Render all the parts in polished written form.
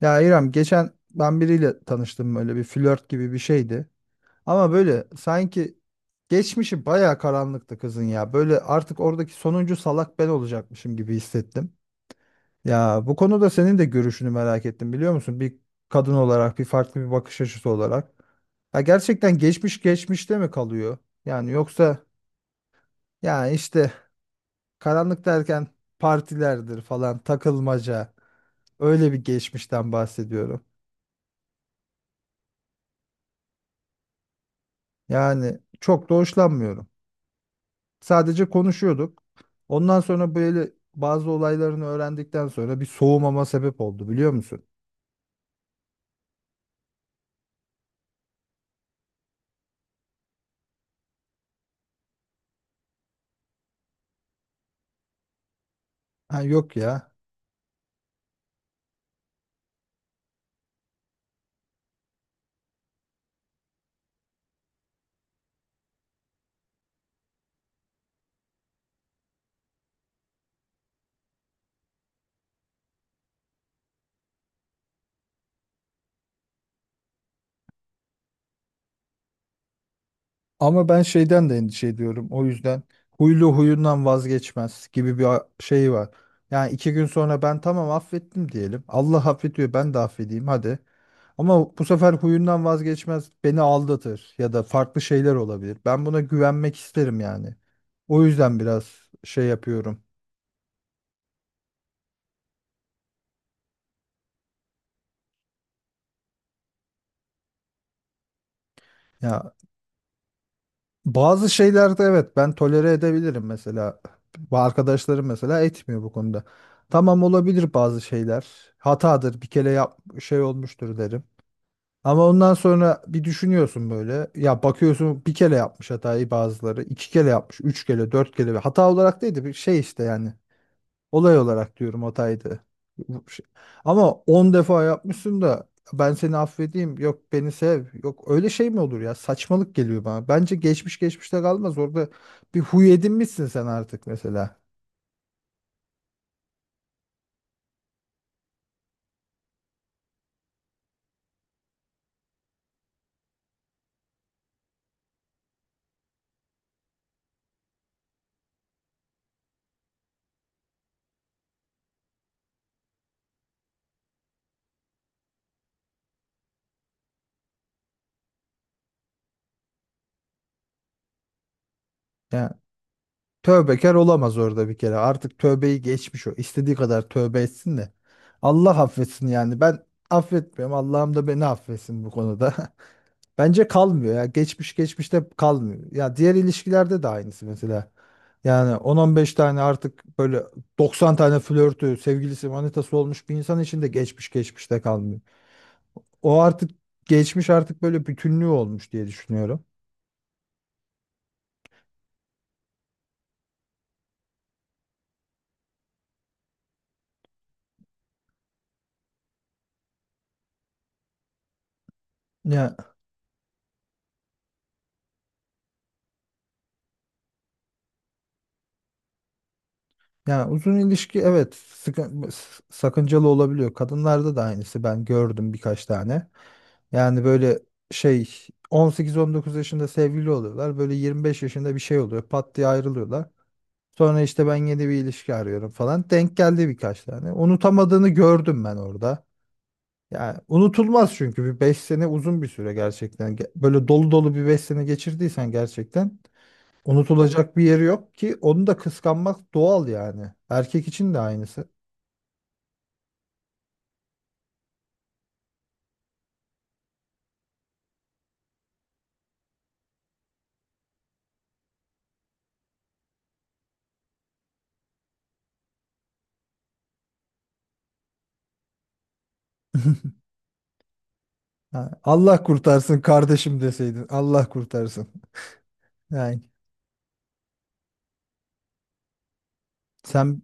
Ya İrem geçen ben biriyle tanıştım, böyle bir flört gibi bir şeydi. Ama böyle sanki geçmişi bayağı karanlıktı kızın ya. Böyle artık oradaki sonuncu salak ben olacakmışım gibi hissettim. Ya bu konuda senin de görüşünü merak ettim, biliyor musun? Bir kadın olarak, bir farklı bir bakış açısı olarak. Ya gerçekten geçmiş geçmişte mi kalıyor? Yani yoksa ya işte, karanlık derken partilerdir falan takılmaca, öyle bir geçmişten bahsediyorum. Yani çok da hoşlanmıyorum. Sadece konuşuyorduk. Ondan sonra böyle bazı olaylarını öğrendikten sonra bir soğumama sebep oldu, biliyor musun? Ha yok ya. Ama ben şeyden de endişe ediyorum. O yüzden huylu huyundan vazgeçmez gibi bir şey var. Yani iki gün sonra ben tamam affettim diyelim. Allah affediyor, ben de affedeyim hadi. Ama bu sefer huyundan vazgeçmez, beni aldatır ya da farklı şeyler olabilir. Ben buna güvenmek isterim yani. O yüzden biraz şey yapıyorum. Ya bazı şeylerde evet, ben tolere edebilirim mesela. Bu arkadaşlarım mesela etmiyor bu konuda. Tamam, olabilir bazı şeyler. Hatadır, bir kere yap, şey olmuştur derim. Ama ondan sonra bir düşünüyorsun böyle. Ya bakıyorsun, bir kere yapmış hatayı bazıları. İki kere yapmış. Üç kere, dört kere. Hata olarak değil de bir şey işte yani. Olay olarak diyorum, hataydı. Bu şey- Ama 10 defa yapmışsın da ben seni affedeyim. Yok beni sev. Yok, öyle şey mi olur ya? Saçmalık geliyor bana. Bence geçmiş geçmişte kalmaz. Orada bir huy edinmişsin sen artık mesela. Yani tövbekar olamaz orada bir kere. Artık tövbeyi geçmiş o. İstediği kadar tövbe etsin de. Allah affetsin yani. Ben affetmiyorum. Allah'ım da beni affetsin bu konuda. Bence kalmıyor ya. Geçmiş geçmişte kalmıyor. Ya diğer ilişkilerde de aynısı mesela. Yani 10-15 tane, artık böyle 90 tane flörtü, sevgilisi, manitası olmuş bir insan için de geçmiş geçmişte kalmıyor. O artık, geçmiş artık böyle bütünlüğü olmuş diye düşünüyorum. Ya ya uzun ilişki evet, sakıncalı olabiliyor. Kadınlarda da aynısı, ben gördüm birkaç tane. Yani böyle şey, 18-19 yaşında sevgili oluyorlar. Böyle 25 yaşında bir şey oluyor. Pat diye ayrılıyorlar. Sonra işte ben yeni bir ilişki arıyorum falan. Denk geldi birkaç tane. Unutamadığını gördüm ben orada. Yani unutulmaz, çünkü bir 5 sene uzun bir süre gerçekten. Böyle dolu dolu bir 5 sene geçirdiysen gerçekten unutulacak bir yeri yok ki, onu da kıskanmak doğal yani. Erkek için de aynısı. Ha, Allah kurtarsın kardeşim deseydin. Allah kurtarsın. Yani sen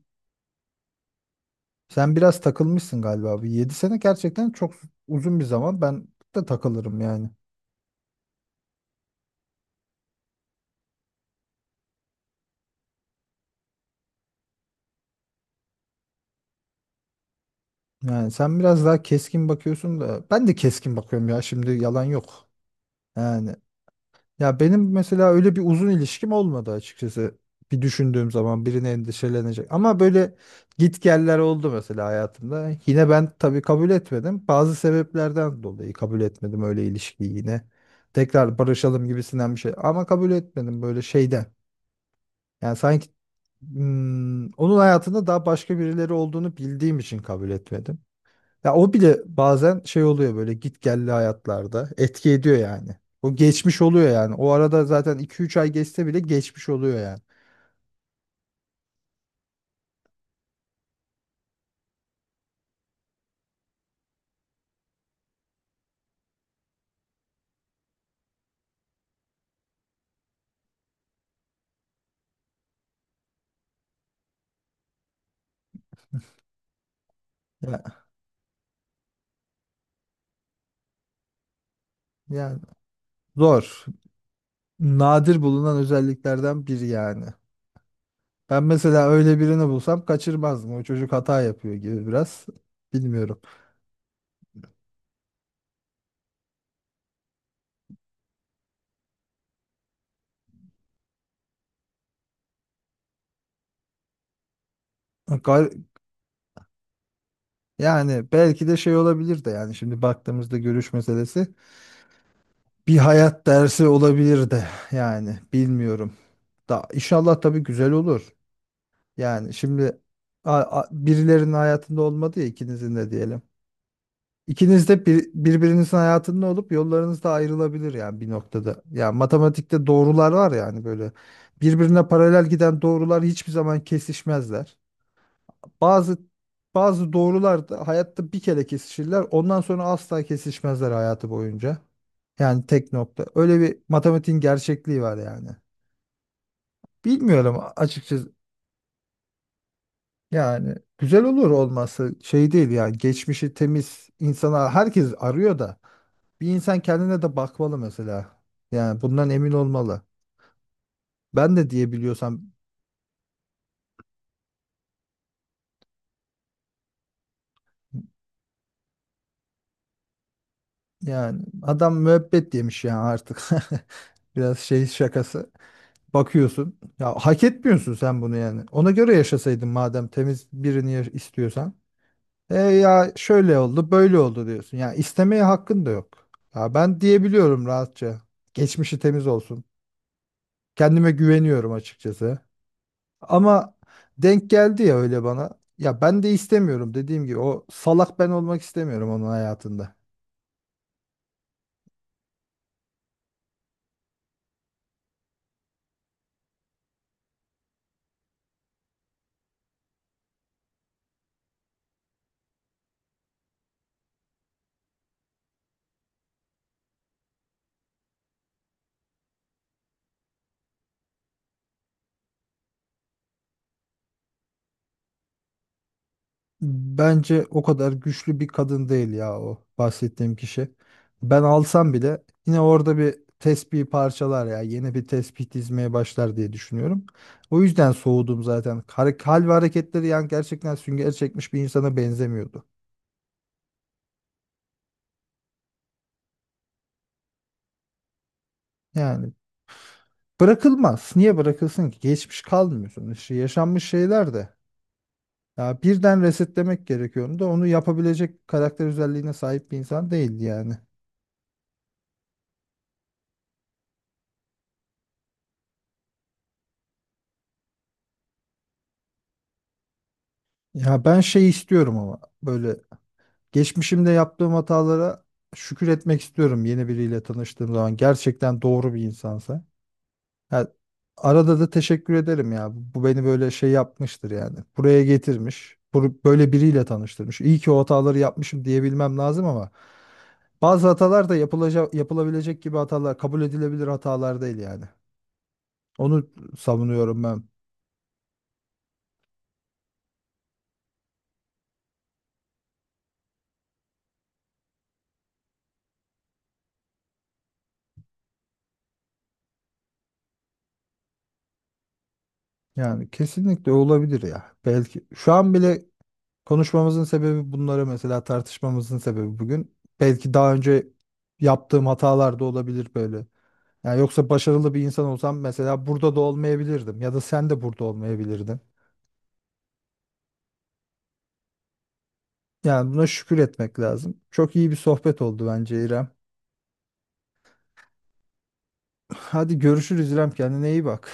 sen biraz takılmışsın galiba. Bir 7 sene gerçekten çok uzun bir zaman. Ben de takılırım yani. Yani sen biraz daha keskin bakıyorsun da ben de keskin bakıyorum ya, şimdi yalan yok. Yani ya benim mesela öyle bir uzun ilişkim olmadı açıkçası. Bir düşündüğüm zaman birine endişelenecek. Ama böyle gitgeller oldu mesela hayatımda. Yine ben tabii kabul etmedim. Bazı sebeplerden dolayı kabul etmedim öyle ilişkiyi yine. Tekrar barışalım gibisinden bir şey. Ama kabul etmedim böyle şeyden. Yani sanki onun hayatında daha başka birileri olduğunu bildiğim için kabul etmedim. Ya o bile bazen şey oluyor, böyle git gelli hayatlarda etki ediyor yani. O geçmiş oluyor yani. O arada zaten iki üç ay geçse bile geçmiş oluyor yani. Ya, yani zor. Nadir bulunan özelliklerden biri yani. Ben mesela öyle birini bulsam kaçırmazdım. O çocuk hata yapıyor gibi biraz. Bilmiyorum. Gar- Yani belki de şey olabilir de, yani şimdi baktığımızda görüş meselesi bir hayat dersi olabilir de yani, bilmiyorum. Da inşallah tabii güzel olur. Yani şimdi, birilerinin hayatında olmadı ya, ikinizin de diyelim. İkiniz de bir, birbirinizin hayatında olup yollarınız da ayrılabilir yani bir noktada. Ya matematikte doğrular var yani, böyle birbirine paralel giden doğrular hiçbir zaman kesişmezler. Bazı bazı doğrular da hayatta bir kere kesişirler. Ondan sonra asla kesişmezler hayatı boyunca. Yani tek nokta. Öyle bir matematiğin gerçekliği var yani. Bilmiyorum açıkçası. Yani güzel olur, olması şey değil yani, geçmişi temiz insana herkes arıyor da. Bir insan kendine de bakmalı mesela. Yani bundan emin olmalı. Ben de diyebiliyorsam, yani adam müebbet yemiş yani artık. Biraz şey şakası. Bakıyorsun. Ya hak etmiyorsun sen bunu yani. Ona göre yaşasaydın madem temiz birini istiyorsan. E ya şöyle oldu, böyle oldu diyorsun. Ya istemeye hakkın da yok. Ya ben diyebiliyorum rahatça. Geçmişi temiz olsun. Kendime güveniyorum açıkçası. Ama denk geldi ya öyle bana. Ya ben de istemiyorum, dediğim gibi o salak ben olmak istemiyorum onun hayatında. Bence o kadar güçlü bir kadın değil ya o bahsettiğim kişi. Ben alsam bile yine orada bir tespih parçalar ya, yeni bir tespih dizmeye başlar diye düşünüyorum. O yüzden soğudum zaten. Hal ve hareketleri yani gerçekten sünger çekmiş bir insana benzemiyordu. Yani bırakılmaz. Niye bırakılsın ki? Geçmiş kalmıyor sonuçta. Yaşanmış şeyler de. Ya birden resetlemek gerekiyordu da onu yapabilecek karakter özelliğine sahip bir insan değildi yani. Ya ben şey istiyorum ama böyle, geçmişimde yaptığım hatalara şükür etmek istiyorum yeni biriyle tanıştığım zaman. Gerçekten doğru bir insansa. Ha, arada da teşekkür ederim ya. Bu beni böyle şey yapmıştır yani. Buraya getirmiş. Böyle biriyle tanıştırmış. İyi ki o hataları yapmışım diyebilmem lazım ama bazı hatalar da yapılacak, yapılabilecek gibi hatalar, kabul edilebilir hatalar değil yani. Onu savunuyorum ben. Yani kesinlikle olabilir ya. Belki şu an bile konuşmamızın sebebi, bunları mesela tartışmamızın sebebi bugün, belki daha önce yaptığım hatalar da olabilir böyle. Yani yoksa başarılı bir insan olsam mesela burada da olmayabilirdim ya da sen de burada olmayabilirdin. Yani buna şükür etmek lazım. Çok iyi bir sohbet oldu bence İrem. Hadi görüşürüz İrem, kendine iyi bak.